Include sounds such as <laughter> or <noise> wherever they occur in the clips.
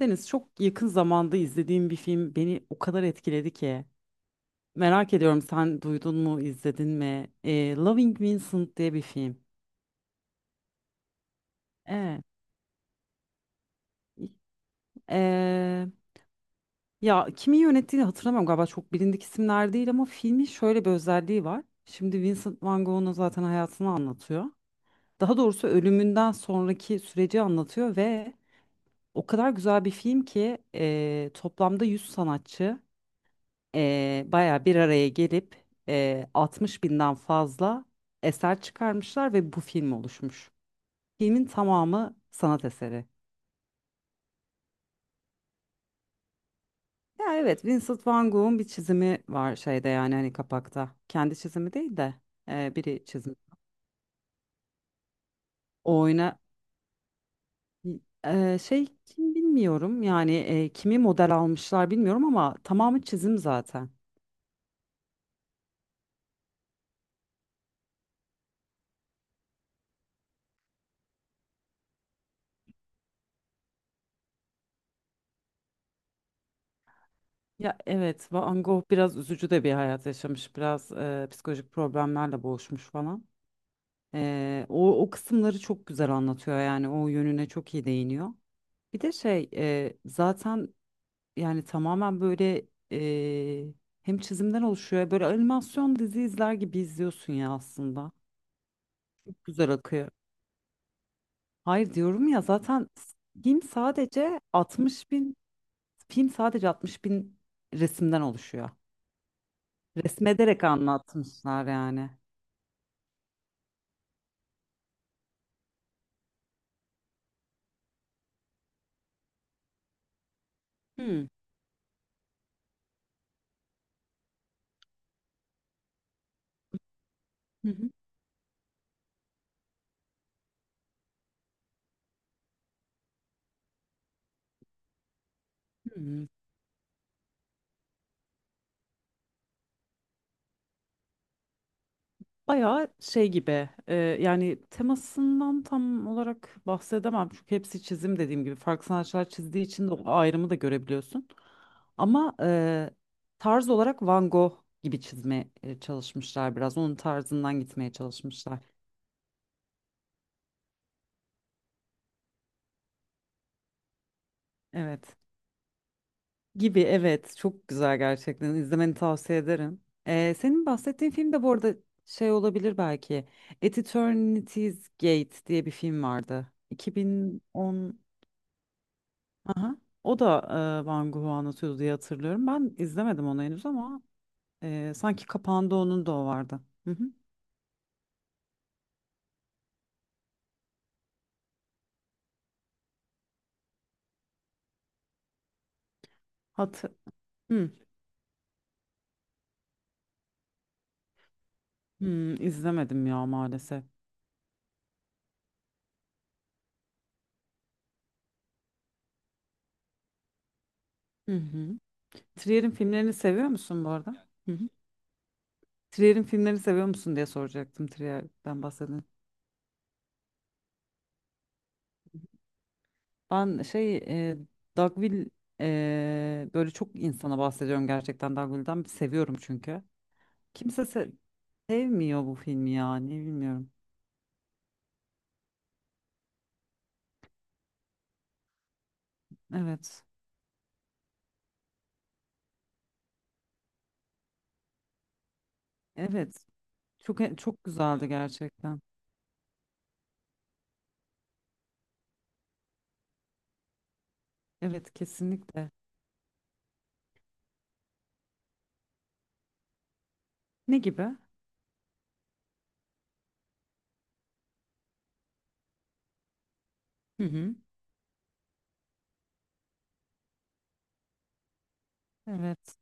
Deniz, çok yakın zamanda izlediğim bir film beni o kadar etkiledi ki. Merak ediyorum, sen duydun mu, izledin mi? Loving Vincent diye bir film. Evet. Ee, ya kimi yönettiğini hatırlamıyorum, galiba çok bilindik isimler değil ama filmin şöyle bir özelliği var. Şimdi Vincent Van Gogh'un zaten hayatını anlatıyor. Daha doğrusu ölümünden sonraki süreci anlatıyor ve o kadar güzel bir film ki toplamda 100 sanatçı, bayağı bir araya gelip 60 binden fazla eser çıkarmışlar ve bu film oluşmuş. Filmin tamamı sanat eseri. Ya evet, Vincent van Gogh'un bir çizimi var şeyde, yani hani kapakta. Kendi çizimi değil de biri çizim. O oyuna şey kim bilmiyorum yani, kimi model almışlar bilmiyorum ama tamamı çizim zaten. Ya evet, Van Gogh biraz üzücü de bir hayat yaşamış. Biraz psikolojik problemlerle boğuşmuş falan. O kısımları çok güzel anlatıyor, yani o yönüne çok iyi değiniyor. Bir de şey zaten yani tamamen böyle hem çizimden oluşuyor, böyle animasyon dizi izler gibi izliyorsun ya aslında. Çok güzel akıyor. Hayır, diyorum ya, zaten film sadece 60 bin film sadece 60 bin resimden oluşuyor. Resmederek anlatmışlar yani. Hmm. Hı hı. Hı hı. Bayağı şey gibi yani temasından tam olarak bahsedemem çünkü hepsi çizim, dediğim gibi farklı sanatçılar çizdiği için de o ayrımı da görebiliyorsun. Ama tarz olarak Van Gogh gibi çizmeye çalışmışlar, biraz onun tarzından gitmeye çalışmışlar. Evet, gibi evet, çok güzel gerçekten, izlemeni tavsiye ederim. Senin bahsettiğin film de bu arada şey olabilir belki, At Eternity's Gate diye bir film vardı. 2010. Aha. O da Van Gogh'u anlatıyordu diye hatırlıyorum. Ben izlemedim onu henüz ama sanki kapağında onun da o vardı. Hı hı. Hatı hı. Hı, izlemedim ya maalesef. Hı hı. Trier'in filmlerini seviyor musun bu arada? Hı hı. Trier'in filmlerini seviyor musun diye soracaktım, Trier'den bahsedin. Ben şey e, Dogville, böyle çok insana bahsediyorum gerçekten Dogville'den. Seviyorum çünkü. Kimse sevmiyor bu filmi yani, bilmiyorum. Evet. Evet. Çok çok güzeldi gerçekten. Evet, kesinlikle. Ne gibi? Hı hı. Evet.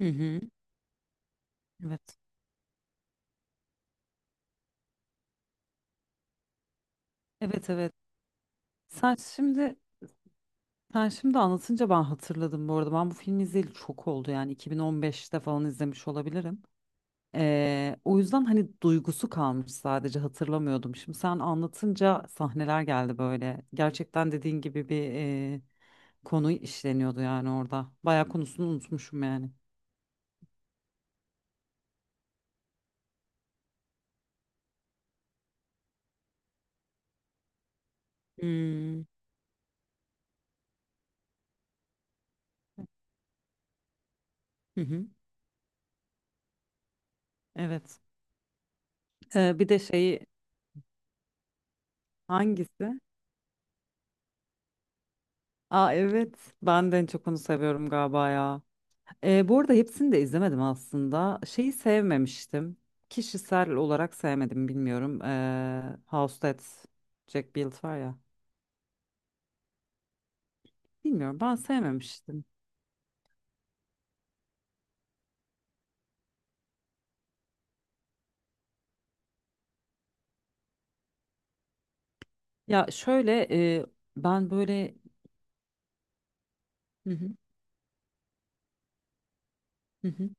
Hı hı. Evet. Evet, evet. Sen şimdi sen şimdi anlatınca ben hatırladım bu arada. Ben bu filmi izleyeli çok oldu, yani 2015'te falan izlemiş olabilirim. O yüzden hani duygusu kalmış sadece, hatırlamıyordum. Şimdi sen anlatınca sahneler geldi böyle. Gerçekten dediğin gibi bir konu işleniyordu yani orada. Bayağı konusunu unutmuşum yani. Hmm. Hı hı. Evet. Bir de şeyi hangisi? Aa evet, ben de en çok onu seviyorum galiba ya. Bu arada hepsini de izlemedim aslında. Şeyi sevmemiştim. Kişisel olarak sevmedim, bilmiyorum. House That Jack Built var ya. Bilmiyorum, ben sevmemiştim. Ya şöyle e, ben böyle. Hı hı, hı hı.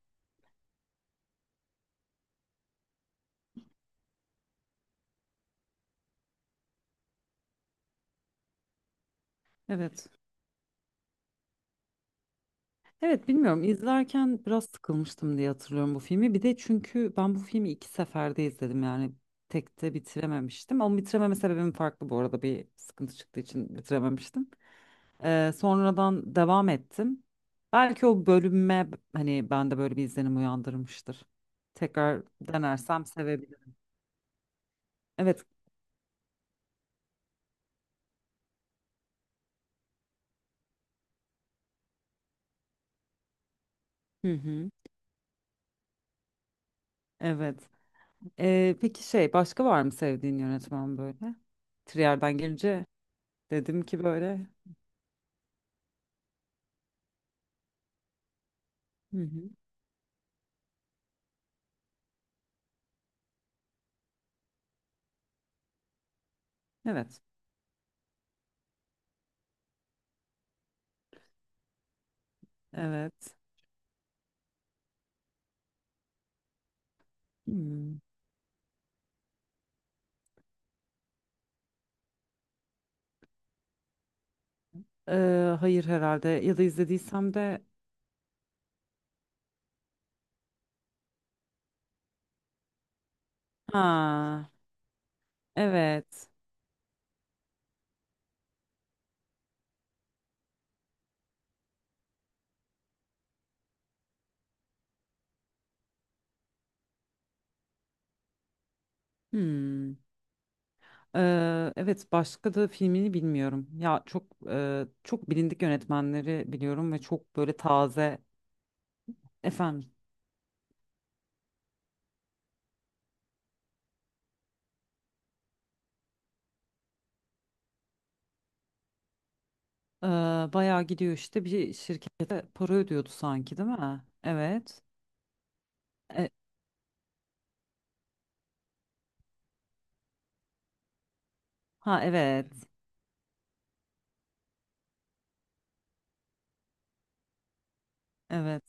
Evet. Evet. bilmiyorum, izlerken biraz sıkılmıştım diye hatırlıyorum bu filmi. Bir de çünkü ben bu filmi iki seferde izledim yani, tekte bitirememiştim. Ama bitirememe sebebim farklı bu arada, bir sıkıntı çıktığı için bitirememiştim. Sonradan devam ettim. Belki o bölünme hani bende böyle bir izlenim uyandırmıştır. Tekrar denersem sevebilirim. Evet. Hı hı. Evet. Peki şey, başka var mı sevdiğin yönetmen böyle? Trier'den gelince dedim ki böyle. Hı hı. Evet. Evet. Hmm. Hayır herhalde, ya da izlediysem de ha evet. Hmm. Evet, başka da filmini bilmiyorum. Ya çok çok bilindik yönetmenleri biliyorum ve çok böyle taze efendim. Ee, Bayağı gidiyor işte bir şirkete para ödüyordu sanki değil mi? Evet. E, ha evet. Evet.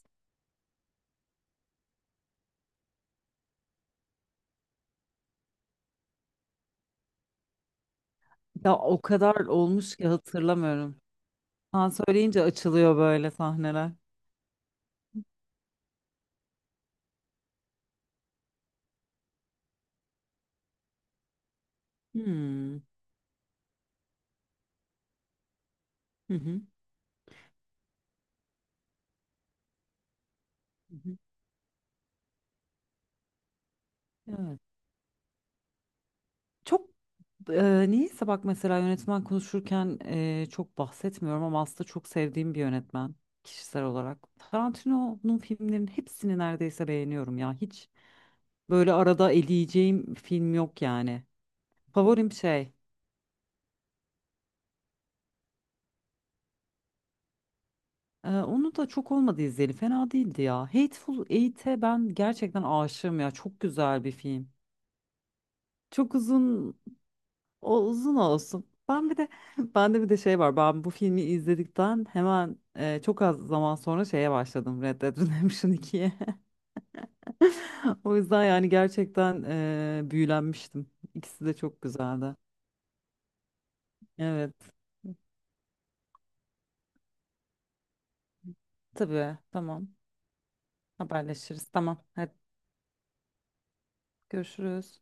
Ya o kadar olmuş ki hatırlamıyorum. Sen söyleyince açılıyor böyle sahneler. Hmm. Hı hı. Hı hı. Evet. Çok niyeyse bak, mesela yönetmen konuşurken çok bahsetmiyorum ama aslında çok sevdiğim bir yönetmen kişisel olarak. Tarantino'nun filmlerinin hepsini neredeyse beğeniyorum ya. Hiç böyle arada eleyeceğim film yok yani. Favorim şey, onu da çok olmadı izleyeli. Fena değildi ya. Hateful Eight'e ben gerçekten aşığım ya. Çok güzel bir film. Çok uzun. O uzun olsun. Ben bir de <laughs> bende bir de şey var. Ben bu filmi izledikten hemen çok az zaman sonra şeye başladım, Red Dead Redemption 2'ye. <laughs> O yüzden yani gerçekten büyülenmiştim. İkisi de çok güzeldi. Evet. Tabii. Tamam. Haberleşiriz. Tamam. Hadi görüşürüz.